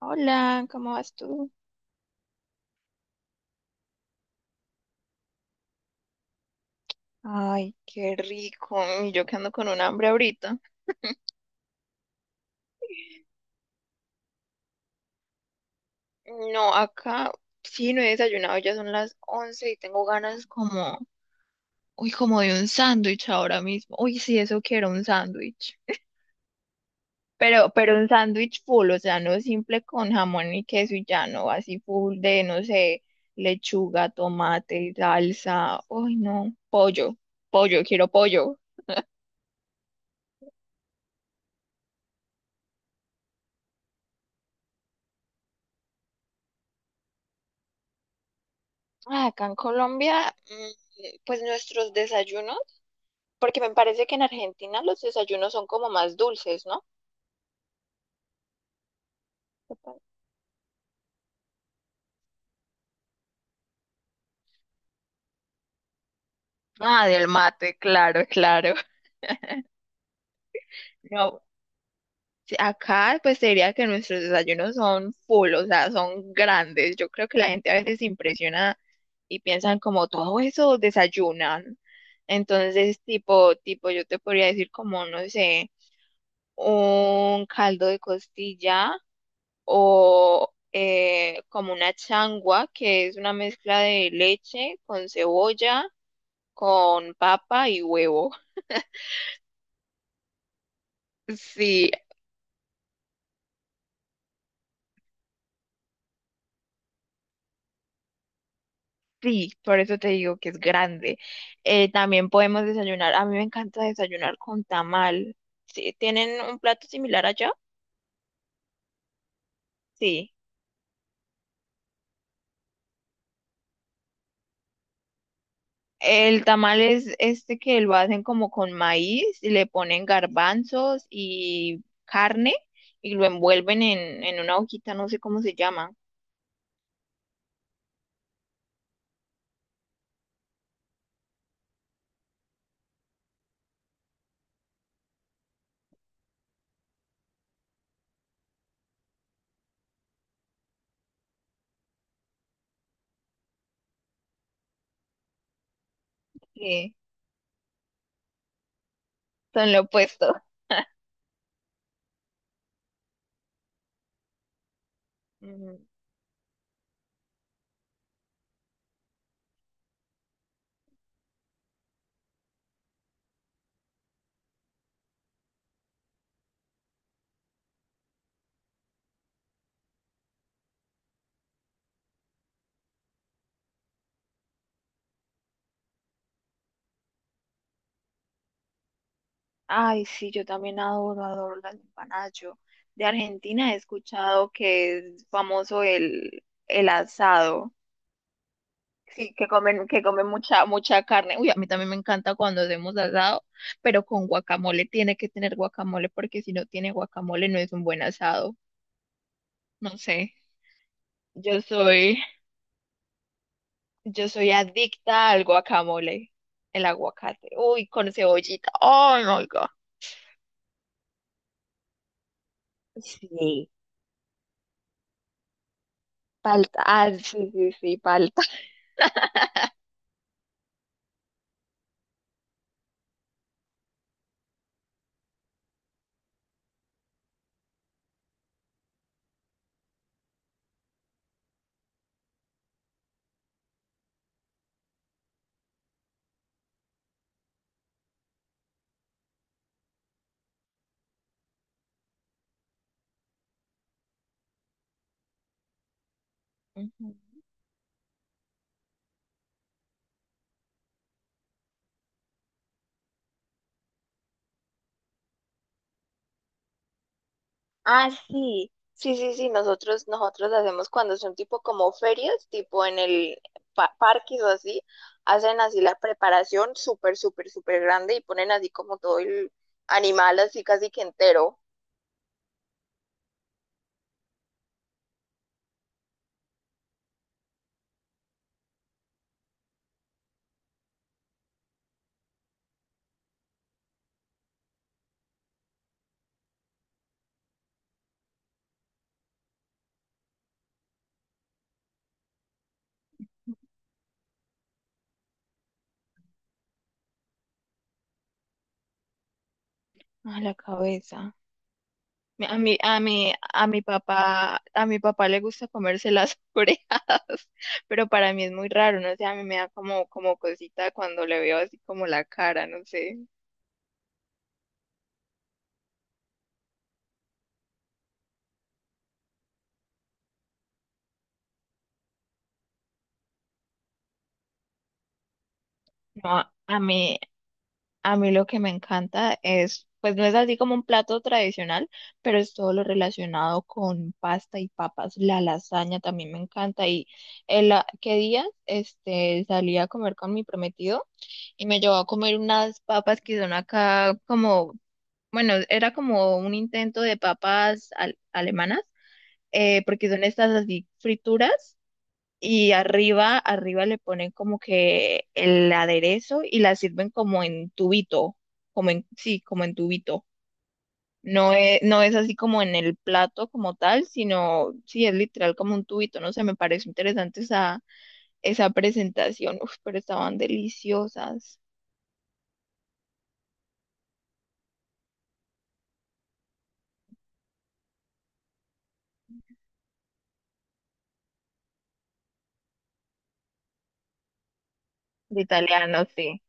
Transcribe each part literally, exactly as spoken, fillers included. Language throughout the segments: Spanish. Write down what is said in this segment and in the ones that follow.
Hola, ¿cómo vas tú? Ay, qué rico. Y yo que ando con un hambre ahorita. No, acá sí no he desayunado, ya son las once y tengo ganas como, uy, como de un sándwich ahora mismo. Uy, sí, eso quiero, un sándwich. Pero, pero un sándwich full, o sea, no simple con jamón y queso y ya, no, así full de, no sé, lechuga, tomate, salsa. Uy, no, pollo, pollo, quiero pollo. Ah, acá en Colombia, mm, pues nuestros desayunos. Porque me parece que en Argentina los desayunos son como más dulces, ¿no? Ah, del mate, claro, claro. No, sí, acá pues te diría que nuestros desayunos son full, o sea, son grandes. Yo creo que la gente a veces se impresiona y piensan como todo eso desayunan. Entonces, tipo, tipo, yo te podría decir como, no sé, un caldo de costilla o eh, como una changua, que es una mezcla de leche con cebolla con papa y huevo. Sí, sí, por eso te digo que es grande. Eh, también podemos desayunar. A mí me encanta desayunar con tamal. Sí, ¿tienen un plato similar allá? Sí. El tamal es este que lo hacen como con maíz, y le ponen garbanzos y carne y lo envuelven en, en una hojita, no sé cómo se llama. Sí, son lo opuesto. Ay, sí, yo también adoro, adoro las empanadas. Yo de Argentina he escuchado que es famoso el, el asado. Sí, que comen, que comen mucha, mucha carne. Uy, a mí también me encanta cuando hacemos asado, pero con guacamole tiene que tener guacamole, porque si no tiene guacamole no es un buen asado. No sé. Yo soy, yo soy adicta al guacamole, el aguacate. Uy, con cebollita. Oh my God. Sí, palta. Ah, sí, sí, sí, palta. Ujú. Ah, sí, sí, sí, sí, nosotros, nosotros hacemos cuando son tipo como ferias, tipo en el pa- parques o así, hacen así la preparación súper, súper, súper grande y ponen así como todo el animal así casi que entero. A la cabeza. Mi- A mi, a mi, a mi papá, a mi papá le gusta comerse las orejas, pero para mí es muy raro, no sé, a mí me da como, como cosita cuando le veo así como la cara, no sé. No, a mí, A mí lo que me encanta es, pues no es así como un plato tradicional, pero es todo lo relacionado con pasta y papas. La lasaña también me encanta. Y el, a- qué día este, salí a comer con mi prometido y me llevó a comer unas papas que son acá como, bueno, era como un intento de papas al- alemanas, eh, porque son estas así frituras y arriba, arriba le ponen como que el aderezo y la sirven como en tubito, como en, sí, como en tubito. No es, no es así como en el plato como tal, sino sí es literal como un tubito, no sé, me pareció interesante esa, esa presentación. Uf, pero estaban deliciosas. De italiano, sí.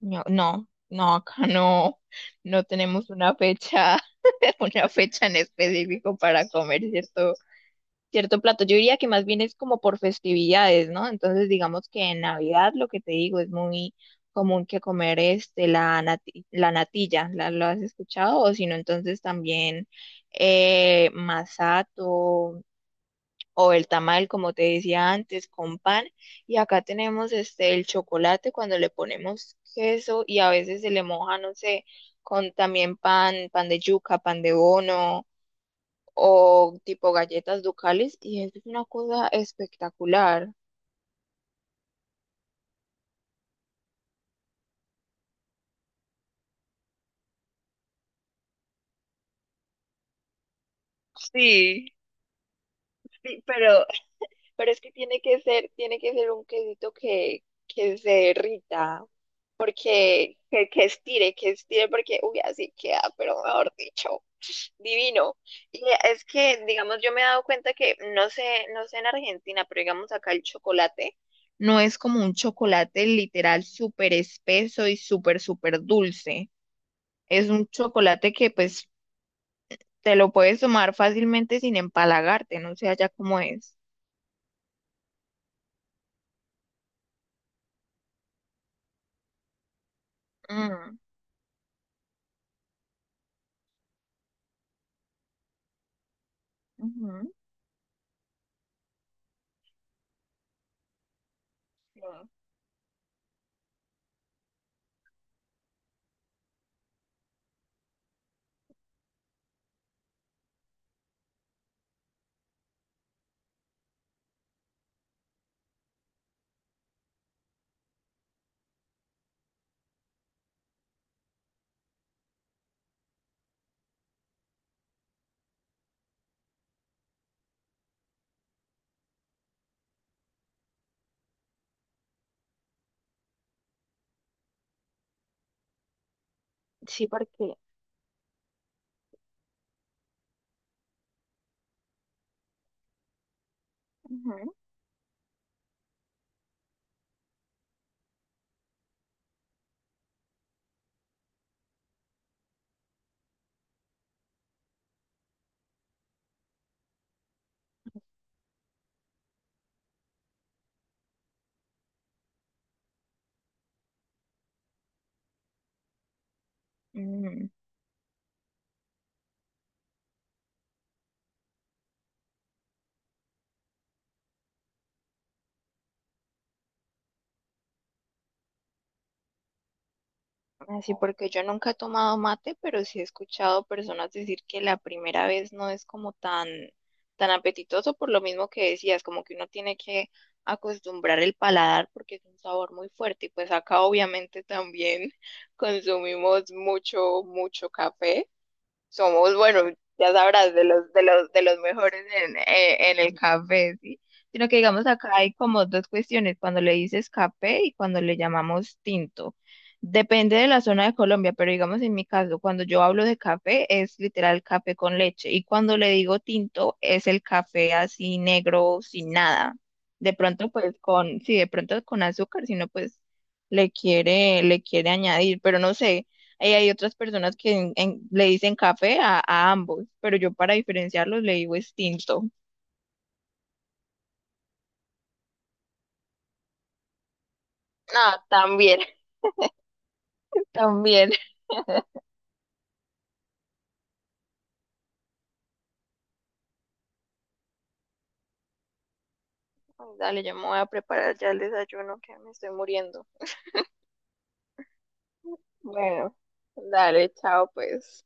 No, no, no, acá no, no tenemos una fecha, una fecha en específico para comer, ¿cierto? Cierto plato. Yo diría que más bien es como por festividades, ¿no? Entonces, digamos que en Navidad, lo que te digo, es muy común que comer este, la nati- la natilla, ¿la, lo has escuchado? O si no, entonces también eh, masato o el tamal, como te decía antes, con pan. Y acá tenemos este, el chocolate cuando le ponemos queso y a veces se le moja, no sé, con también pan, pan de yuca, pan de bono o tipo galletas ducales y eso es una cosa espectacular. Sí, sí, pero, pero es que tiene que ser, tiene que ser un quesito que, que se derrita, porque que, que estire, que estire, porque uy, así queda, pero mejor dicho, divino. Y es que, digamos, yo me he dado cuenta que, no sé, no sé en Argentina, pero digamos acá el chocolate no es como un chocolate literal súper espeso y súper, súper dulce. Es un chocolate que pues te lo puedes tomar fácilmente sin empalagarte, no sé allá cómo es. Mm, ujú, sí, sí, porque, ujú, mm, así porque yo nunca he tomado mate, pero sí he escuchado personas decir que la primera vez no es como tan, tan apetitoso por lo mismo que decías, como que uno tiene que acostumbrar el paladar porque es un sabor muy fuerte y pues acá obviamente también consumimos mucho, mucho café. Somos, bueno, ya sabrás, de los, de los, de los mejores en, eh, en el café, ¿sí? Sino que digamos acá hay como dos cuestiones, cuando le dices café y cuando le llamamos tinto. Depende de la zona de Colombia, pero digamos en mi caso, cuando yo hablo de café es literal café con leche y cuando le digo tinto es el café así negro, sin nada. De pronto pues con, sí, de pronto con azúcar, sino pues le quiere, le quiere añadir, pero no sé. Eh, hay otras personas que en- en- le dicen café a, a ambos, pero yo para diferenciarlos le digo es tinto. Ah, también, también. Dale, yo me voy a preparar ya el desayuno que me estoy muriendo. Bueno, dale, chao pues.